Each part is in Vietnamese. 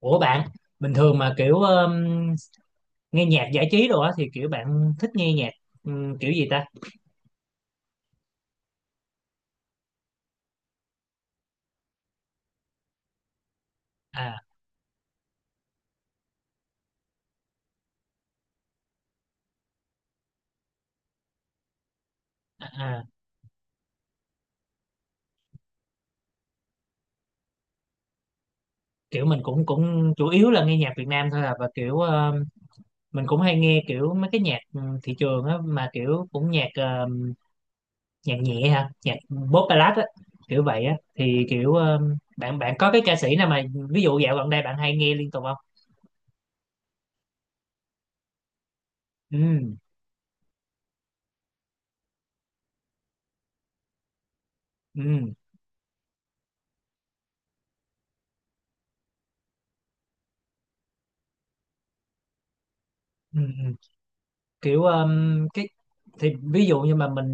Ủa bạn, bình thường mà kiểu nghe nhạc giải trí đồ á thì kiểu bạn thích nghe nhạc kiểu gì ta? À, à, à, kiểu mình cũng cũng chủ yếu là nghe nhạc Việt Nam thôi à và kiểu mình cũng hay nghe kiểu mấy cái nhạc thị trường á mà kiểu cũng nhạc nhạc nhẹ ha, nhạc pop ballad á, kiểu vậy á thì kiểu bạn bạn có cái ca sĩ nào mà ví dụ dạo gần đây bạn hay nghe liên tục không? Ừ, ừ, ừ, ừ. Kiểu cái thì ví dụ như mà mình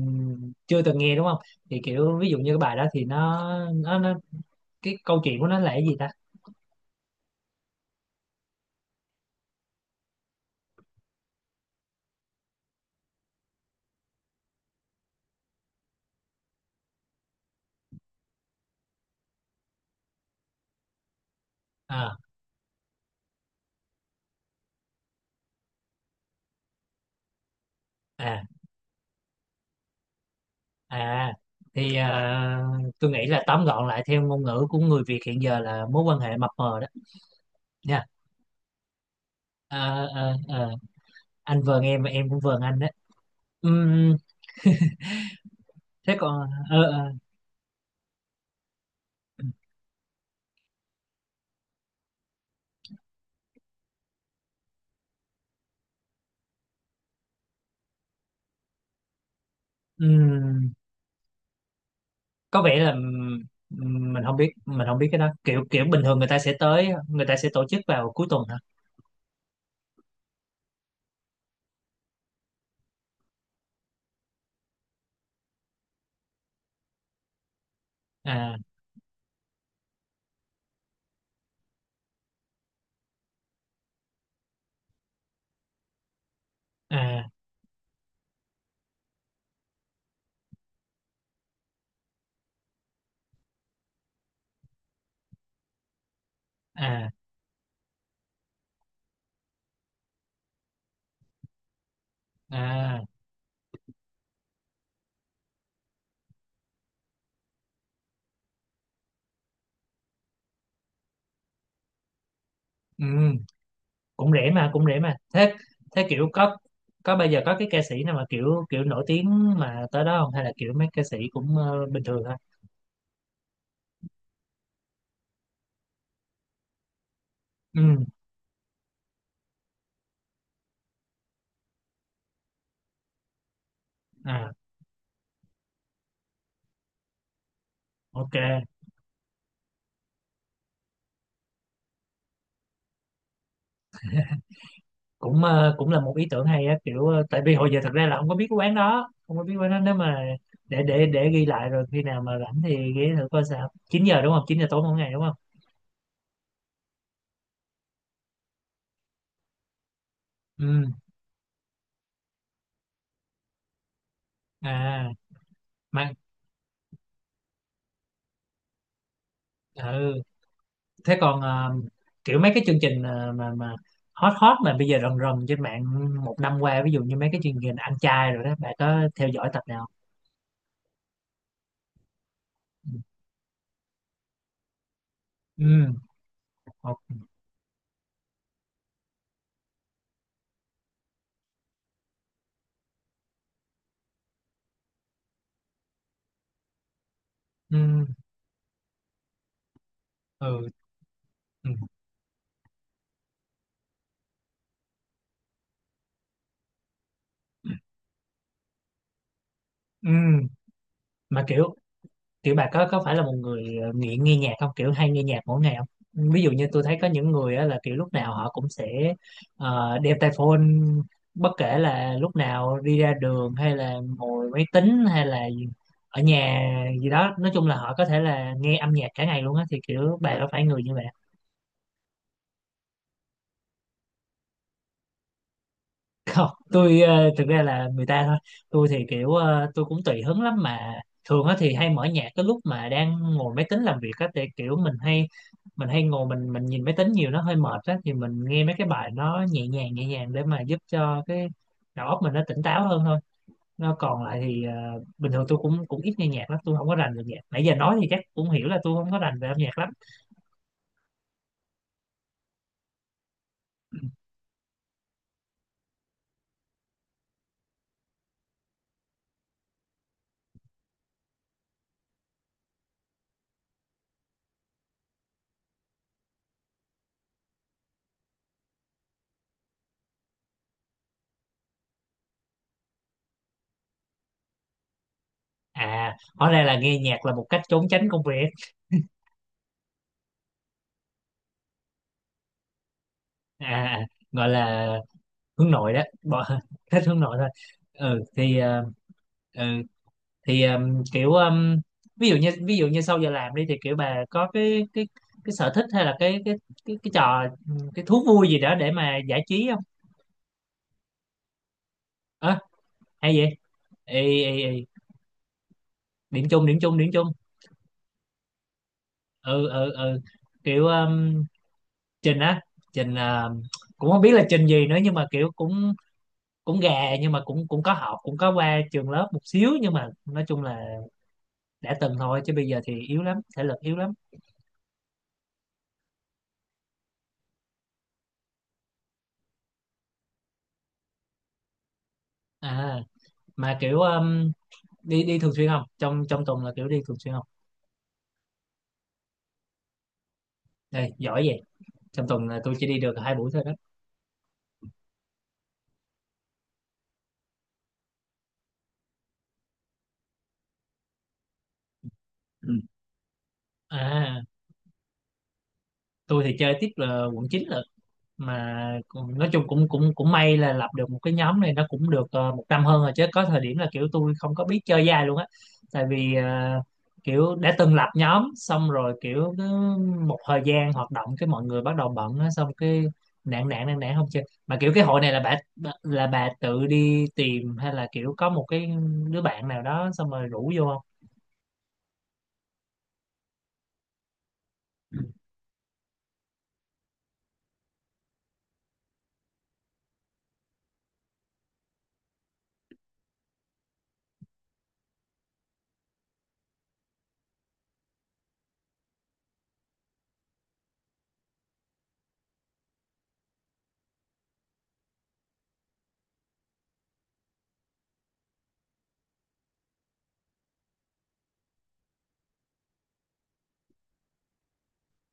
chưa từng nghe đúng không thì kiểu ví dụ như cái bài đó thì nó cái câu chuyện của nó là cái gì ta? À, à, à, thì à, tôi nghĩ là tóm gọn lại theo ngôn ngữ của người Việt hiện giờ là mối quan hệ mập mờ đó nha. À, à, à, anh vờn em và em cũng vờn anh đấy. Ừm. Thế còn ừm, có vẻ là mình không biết cái đó kiểu kiểu bình thường người ta sẽ tổ chức vào cuối tuần hả? À, à, à, à. Ừ, cũng rẻ mà thế. Thế kiểu có bây giờ có cái ca sĩ nào mà kiểu kiểu nổi tiếng mà tới đó không hay là kiểu mấy ca sĩ cũng bình thường thôi? Ừ. À. Ok. Cũng là một ý tưởng hay á kiểu tại vì hồi giờ thật ra là không có biết cái quán đó không có biết quán đó nếu mà để ghi lại rồi khi nào mà rảnh thì ghé thử coi sao 9 giờ đúng không 9 giờ tối mỗi ngày đúng không? Ừ. À. Mà ừ. Thế còn kiểu mấy cái chương trình mà hot hot mà bây giờ rần rần trên mạng một năm qua ví dụ như mấy cái chương trình ăn chay rồi đó bạn có theo dõi tập nào không? Ừ, ok. Ừ, ừ, ừ. Ừ. Mà kiểu kiểu bà có phải là một người nghiện nghe nhạc không kiểu hay nghe nhạc mỗi ngày không? Ví dụ như tôi thấy có những người á, là kiểu lúc nào họ cũng sẽ đeo tai phone bất kể là lúc nào đi ra đường hay là ngồi máy tính hay là ở nhà gì đó nói chung là họ có thể là nghe âm nhạc cả ngày luôn á thì kiểu bà có phải người như vậy? Không, tôi thực ra là người ta thôi. Tôi thì kiểu tôi cũng tùy hứng lắm mà. Thường á thì hay mở nhạc cái lúc mà đang ngồi máy tính làm việc á thì kiểu mình hay ngồi mình nhìn máy tính nhiều nó hơi mệt á thì mình nghe mấy cái bài nó nhẹ nhàng để mà giúp cho cái đầu óc mình nó tỉnh táo hơn thôi. Nó còn lại thì bình thường tôi cũng cũng ít nghe nhạc lắm, tôi không có rành về nhạc, nãy giờ nói thì chắc cũng hiểu là tôi không có rành về âm nhạc lắm. À, hóa ra là nghe nhạc là một cách trốn tránh công việc. À, gọi là hướng nội đó bỏ thích hướng nội thôi. Ừ thì ừ, thì kiểu ví dụ như sau giờ làm đi thì kiểu bà có cái sở thích hay là cái trò ừ, cái thú vui gì đó để mà giải trí không? Ờ, hay vậy. Ê, ê, ê. Điểm chung điểm chung điểm chung. Ừ, ừ, ừ, kiểu trình á trình cũng không biết là trình gì nữa nhưng mà kiểu cũng cũng gà nhưng mà cũng cũng có học cũng có qua trường lớp một xíu nhưng mà nói chung là đã từng thôi chứ bây giờ thì yếu lắm, thể lực yếu lắm. À mà kiểu đi đi thường xuyên không trong trong tuần là kiểu đi thường xuyên không? Đây giỏi vậy. Trong tuần là tôi chỉ đi được 2 buổi thôi đó. Ừ. À, tôi thì chơi tiếp là quận 9 lận. Mà nói chung cũng cũng cũng may là lập được một cái nhóm này nó cũng được một năm hơn rồi chứ có thời điểm là kiểu tôi không có biết chơi với ai luôn á. Tại vì kiểu đã từng lập nhóm xong rồi kiểu cứ một thời gian hoạt động cái mọi người bắt đầu bận á xong cái nản nản nản nản không chơi mà kiểu cái hội này là bà tự đi tìm hay là kiểu có một cái đứa bạn nào đó xong rồi rủ vô không?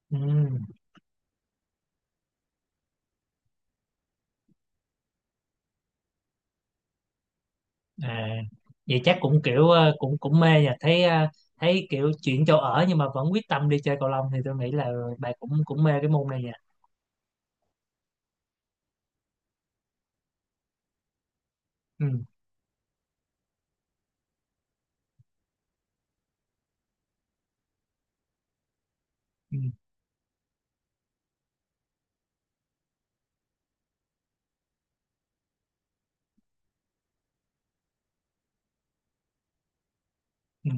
Ừ. À, vậy chắc cũng kiểu cũng cũng mê nha, thấy thấy kiểu chuyển chỗ ở nhưng mà vẫn quyết tâm đi chơi cầu lông thì tôi nghĩ là bà cũng cũng mê cái môn này nha. Ừ, ừ, ừ.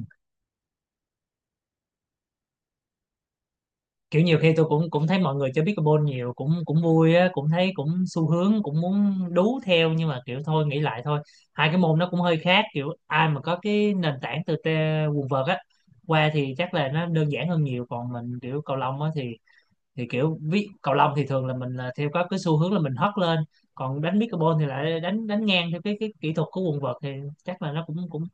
Kiểu nhiều khi tôi cũng cũng thấy mọi người chơi pickleball nhiều cũng cũng vui á cũng thấy cũng xu hướng cũng muốn đú theo nhưng mà kiểu thôi nghĩ lại thôi. Hai cái môn nó cũng hơi khác kiểu ai mà có cái nền tảng từ quần vợt á qua thì chắc là nó đơn giản hơn nhiều còn mình kiểu cầu lông á thì kiểu ví cầu lông thì thường là mình là theo có cái xu hướng là mình hất lên. Còn đánh pickleball thì lại đánh đánh ngang theo cái kỹ thuật của quần vợt thì chắc là nó cũng cũng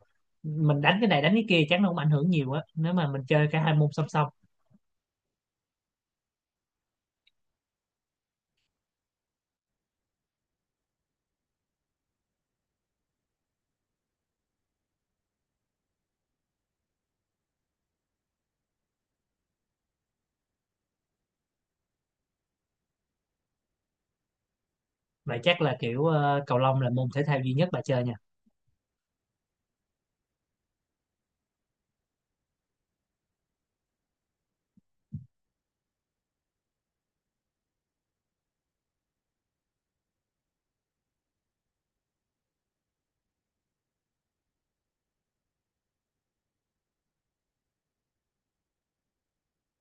mình đánh cái này đánh cái kia chắc nó cũng ảnh hưởng nhiều á nếu mà mình chơi cả hai môn song song. Vậy chắc là kiểu cầu lông là môn thể thao duy nhất bà chơi nha.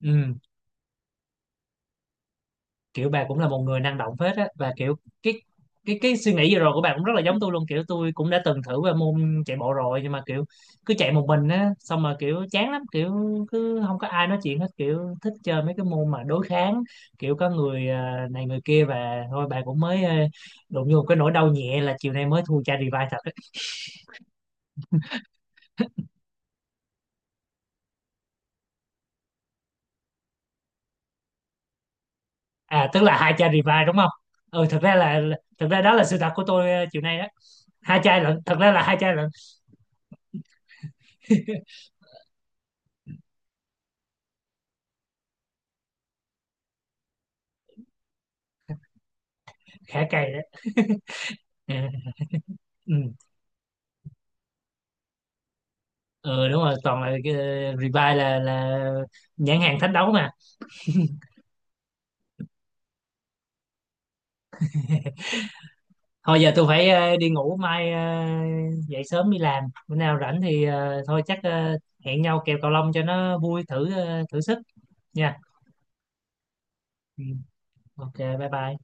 Ừ, kiểu bà cũng là một người năng động phết á và kiểu cái cái suy nghĩ vừa rồi của bà cũng rất là giống tôi luôn, kiểu tôi cũng đã từng thử qua môn chạy bộ rồi nhưng mà kiểu cứ chạy một mình á xong mà kiểu chán lắm, kiểu cứ không có ai nói chuyện hết, kiểu thích chơi mấy cái môn mà đối kháng, kiểu có người à, này người kia và thôi bà cũng mới à, đụng vô một cái nỗi đau nhẹ là chiều nay mới thua cha revive thật á. À, tức là hai cha revive đúng không? Ừ, thật ra là thật ra đó là sự thật của tôi à, chiều nay đó, 2 chai lận, thật ra là 2 chai lận. Khá cày đó ừ. Ừ, đúng rồi, toàn là cái revive là nhãn hàng thách đấu mà. Thôi giờ tôi phải đi ngủ, mai dậy sớm đi làm, bữa nào rảnh thì thôi chắc hẹn nhau kèo cầu lông cho nó vui, thử thử sức nha. Ừ. Ok, bye bye.